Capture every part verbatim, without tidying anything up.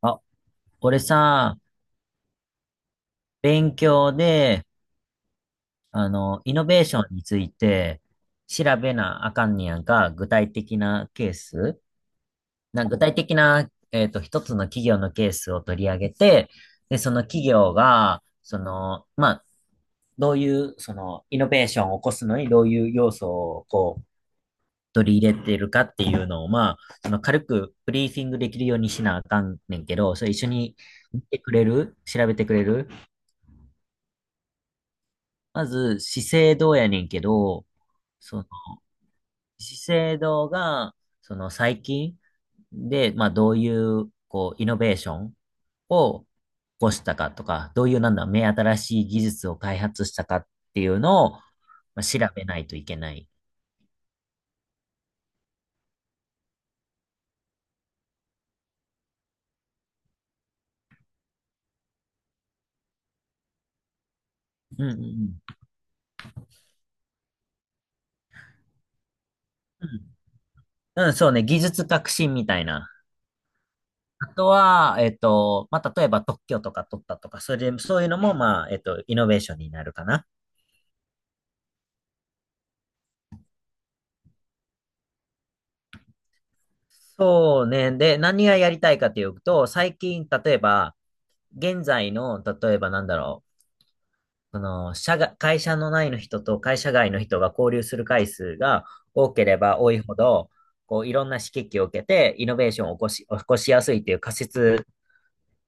あ、俺さ、勉強で、あの、イノベーションについて調べなあかんねやんか、具体的なケースな、具体的な、えっと、一つの企業のケースを取り上げて、で、その企業が、その、まあ、どういう、その、イノベーションを起こすのにどういう要素を、こう、取り入れてるかっていうのを、まあ、その軽くブリーフィングできるようにしなあかんねんけど、それ一緒に見てくれる調べてくれる。まず、資生堂やねんけど、その、資生堂が、その最近で、まあ、どういう、こう、イノベーションを起こしたかとか、どういう、なんだ、目新しい技術を開発したかっていうのを、まあ、調べないといけない。うんうんうん。うん、うんそうね、技術革新みたいな。あとは、えっと、まあ、例えば特許とか取ったとか、それで、そういうのも、まあ、えっと、イノベーションになるかな。そうね。で、何がやりたいかというと、最近、例えば、現在の、例えばなんだろう、この、社が、会社の内の人と会社外の人が交流する回数が多ければ多いほど、こう、いろんな刺激を受けて、イノベーションを起こし、起こしやすいという仮説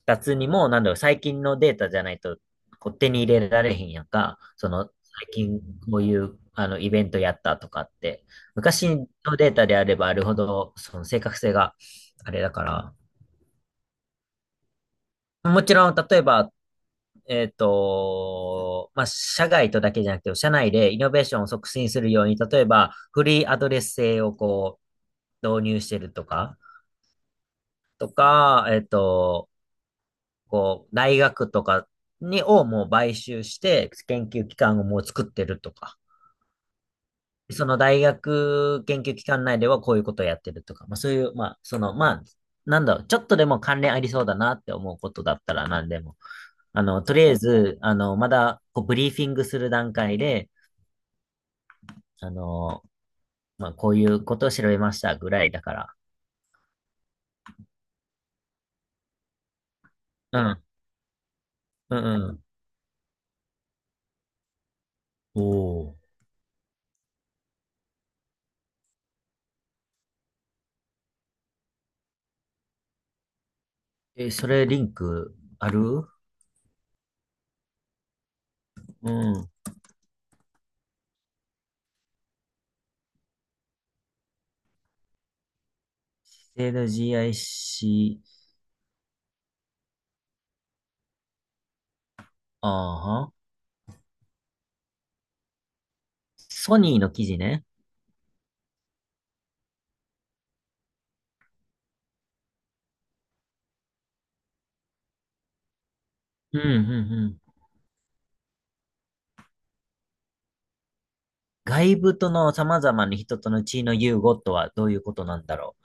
立つにも、なんだろう、最近のデータじゃないと、こう手に入れられへんやんか、その、最近こういう、あの、イベントやったとかって、昔のデータであればあるほど、その正確性があれだから、もちろん、例えば、えっと、まあ、社外とだけじゃなくて、社内でイノベーションを促進するように、例えば、フリーアドレス制をこう、導入してるとか、とか、えっと、こう、大学とかに、をもう買収して、研究機関をもう作ってるとか、その大学研究機関内ではこういうことをやってるとか、まあ、そういう、まあ、その、まあ、なんだろう、ちょっとでも関連ありそうだなって思うことだったら何でもあの、とりあえず、あの、まだ、こう、ブリーフィングする段階で、あの、まあ、こういうことを調べましたぐらいだから。うん、うん、うん。おお。え、それ、リンク、ある。うん。資生堂 ジーアイシー、ああは、ソニーの記事ね。うん、うん、うん。外部との様々な人との地位の融合とはどういうことなんだろう。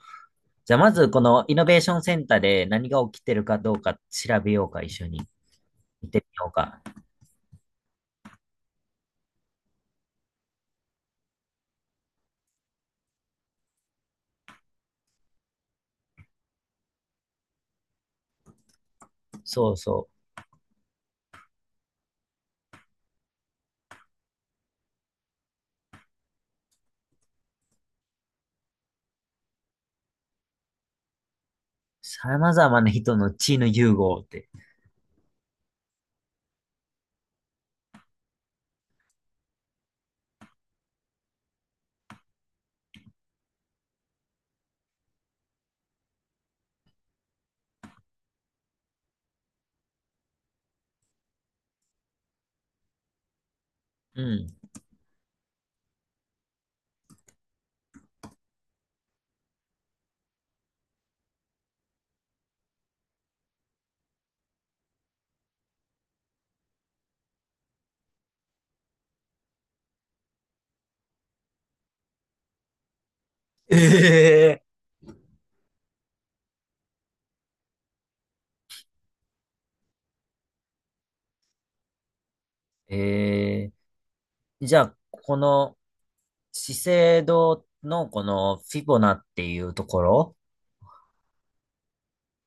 じゃあ、まず、このイノベーションセンターで何が起きてるかどうか調べようか、一緒に。見てみようか。そうそう。様々な人の地の融合って。うん。えええー、じゃあ、この資生堂のこのフィボナっていうところ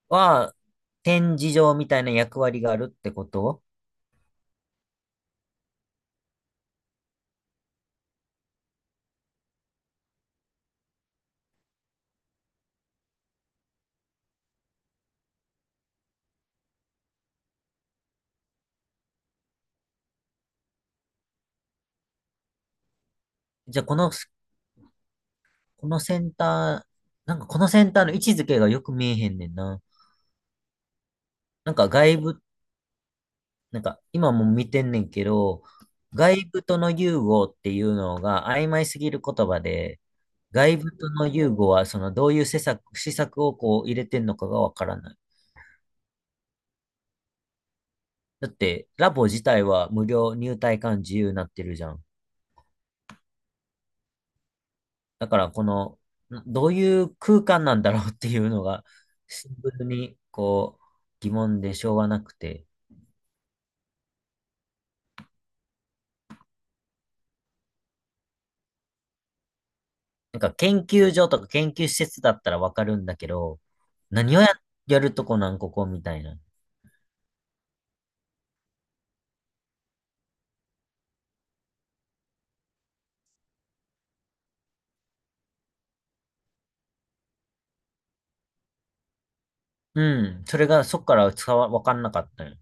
は、展示場みたいな役割があるってこと。じゃあ、この、このセンター、なんかこのセンターの位置づけがよく見えへんねんな。なんか外部、なんか今も見てんねんけど、外部との融合っていうのが曖昧すぎる言葉で、外部との融合は、その、どういう施策、施策をこう入れてんのかがわからない。だって、ラボ自体は無料、入退館自由になってるじゃん。だから、この、などういう空間なんだろうっていうのが、シンプルに、こう、疑問でしょうがなくて。なんか、研究所とか研究施設だったらわかるんだけど、何をや、やるとこなん、ここみたいな。うん。それが、そっから伝わ、わかんなかったよ。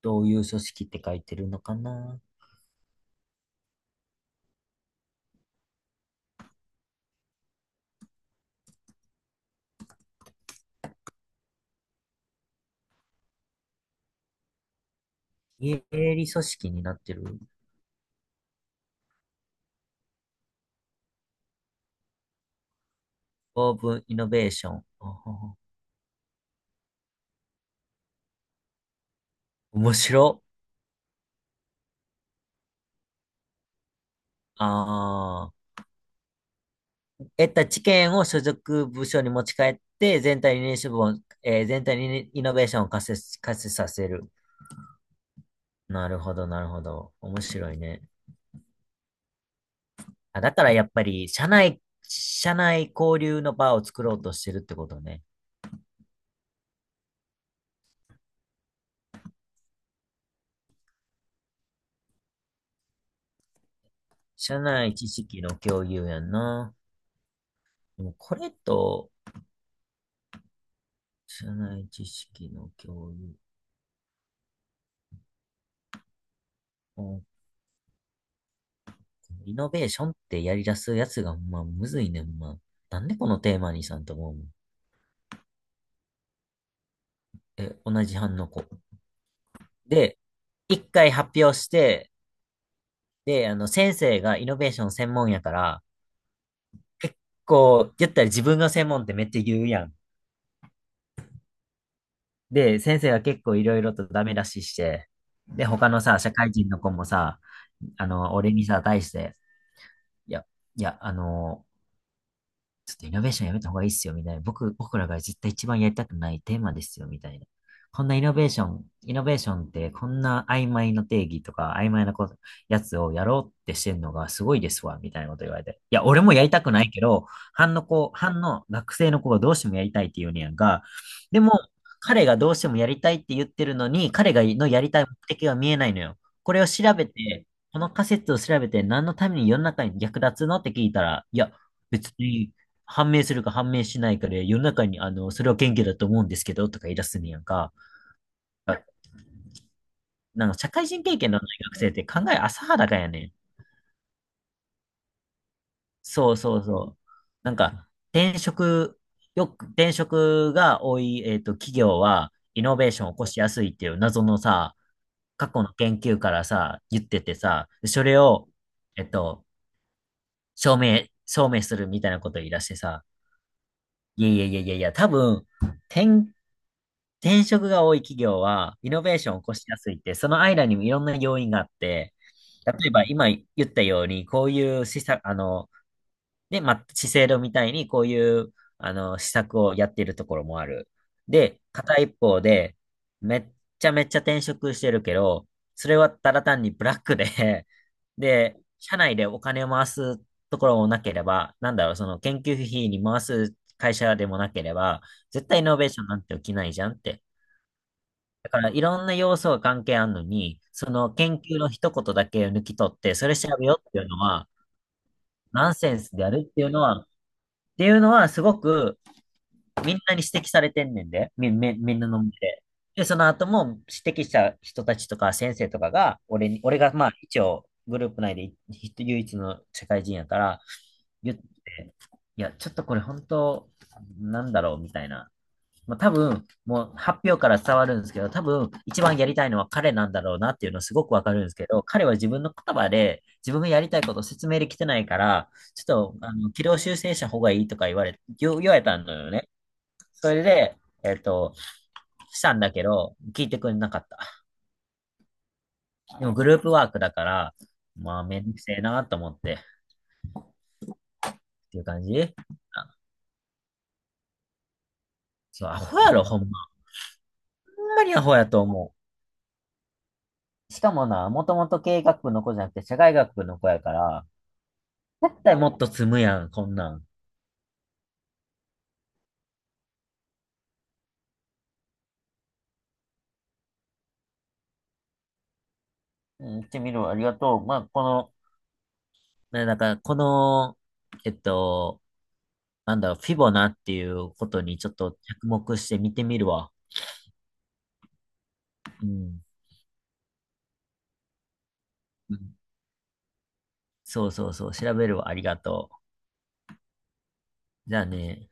どういう組織って書いてるのかな。営利組織になってる。オープンイノベーション。あは。面白。ああ。得た知見を所属部署に持ち帰って、全体にイノベーションを、えー全体にイノベーションを活性、活性させる。なるほど、なるほど。面白いね。あ、だからやっぱり、社内、社内交流の場を作ろうとしてるってことね。社内知識の共有やんな。でもこれと、社内知識の共有。リノベーションってやり出すやつが、まあ、むずいねん、まあ。なんでこのテーマにさんと思うもん。え、同じ班の子。で、一回発表して、で、あの、先生がイノベーション専門やから、結構、言ったら自分の専門ってめっちゃ言うやん。で、先生が結構いろいろとダメ出しして、で、他のさ、社会人の子もさ、あの、俺にさ、対して、いや、いや、あの、ちょっとイノベーションやめた方がいいっすよ、みたいな。僕、僕らが絶対一番やりたくないテーマですよ、みたいな。こんなイノベーション、イノベーションってこんな曖昧な定義とか曖昧なこと、やつをやろうってしてんのがすごいですわ、みたいなこと言われて。いや、俺もやりたくないけど、班の子、班の学生の子がどうしてもやりたいって言うねやんか。でも、彼がどうしてもやりたいって言ってるのに、彼がのやりたい目的が見えないのよ。これを調べて、この仮説を調べて何のために世の中に役立つのって聞いたら、いや、別に判明するか判明しないかで、世の中に、あの、それは謙虚だと思うんですけど、とか言い出すねやんか。あ、なんか、社会人経験のない学生って考え浅はだかやねん。そうそうそう。なんか、転職、よく、転職が多い、えっと、企業は、イノベーションを起こしやすいっていう謎のさ、過去の研究からさ、言っててさ、それを、えっと、証明、証明するみたいなこと言い出してさ、いやいやいやいやいや、多分、転転職が多い企業は、イノベーションを起こしやすいって、その間にもいろんな要因があって、例えば今言ったように、こういう施策、あの、ね、まあ、資生堂みたいにこういう、あの、施策をやっているところもある。で、片一方で、めっちゃめっちゃ転職してるけど、それはただ単にブラックでで、社内でお金を回すところもなければ、なんだろう、その研究費に回す会社でもなければ、絶対イノベーションなんて起きないじゃんって。だからいろんな要素が関係あるのに、その研究の一言だけを抜き取って、それ調べようっていうのは、ナンセンスであるっていうのは、っていうのはすごくみんなに指摘されてんねんで、み、み、みんなの目で。で、その後も指摘した人たちとか先生とかが、俺に、俺がまあ一応グループ内で一唯一の社会人やから、言って、いや、ちょっとこれ本当、なんだろうみたいな。まあ、多分、もう発表から伝わるんですけど、多分一番やりたいのは彼なんだろうなっていうのすごくわかるんですけど、彼は自分の言葉で自分がやりたいことを説明できてないから、ちょっとあの軌道修正した方がいいとか言われ、言言われたのよね。それで、えっと、したんだけど、聞いてくれなかった。でもグループワークだから、まあめんどくせえなと思ってっていう感じ。そう、アホやろ、ほんま。ほんまにアホやと思う。しかもな、もともと経営学部の子じゃなくて社会学部の子やから、だったらもっと積むやん、こんなん。うん、行ってみるわ。ありがとう。まあ、この、ね、だから、この、えっと、なんだろう、フィボナっていうことにちょっと着目して見てみるわ。うん。うんそうそうそう、調べるわ。ありがとう。じゃあね。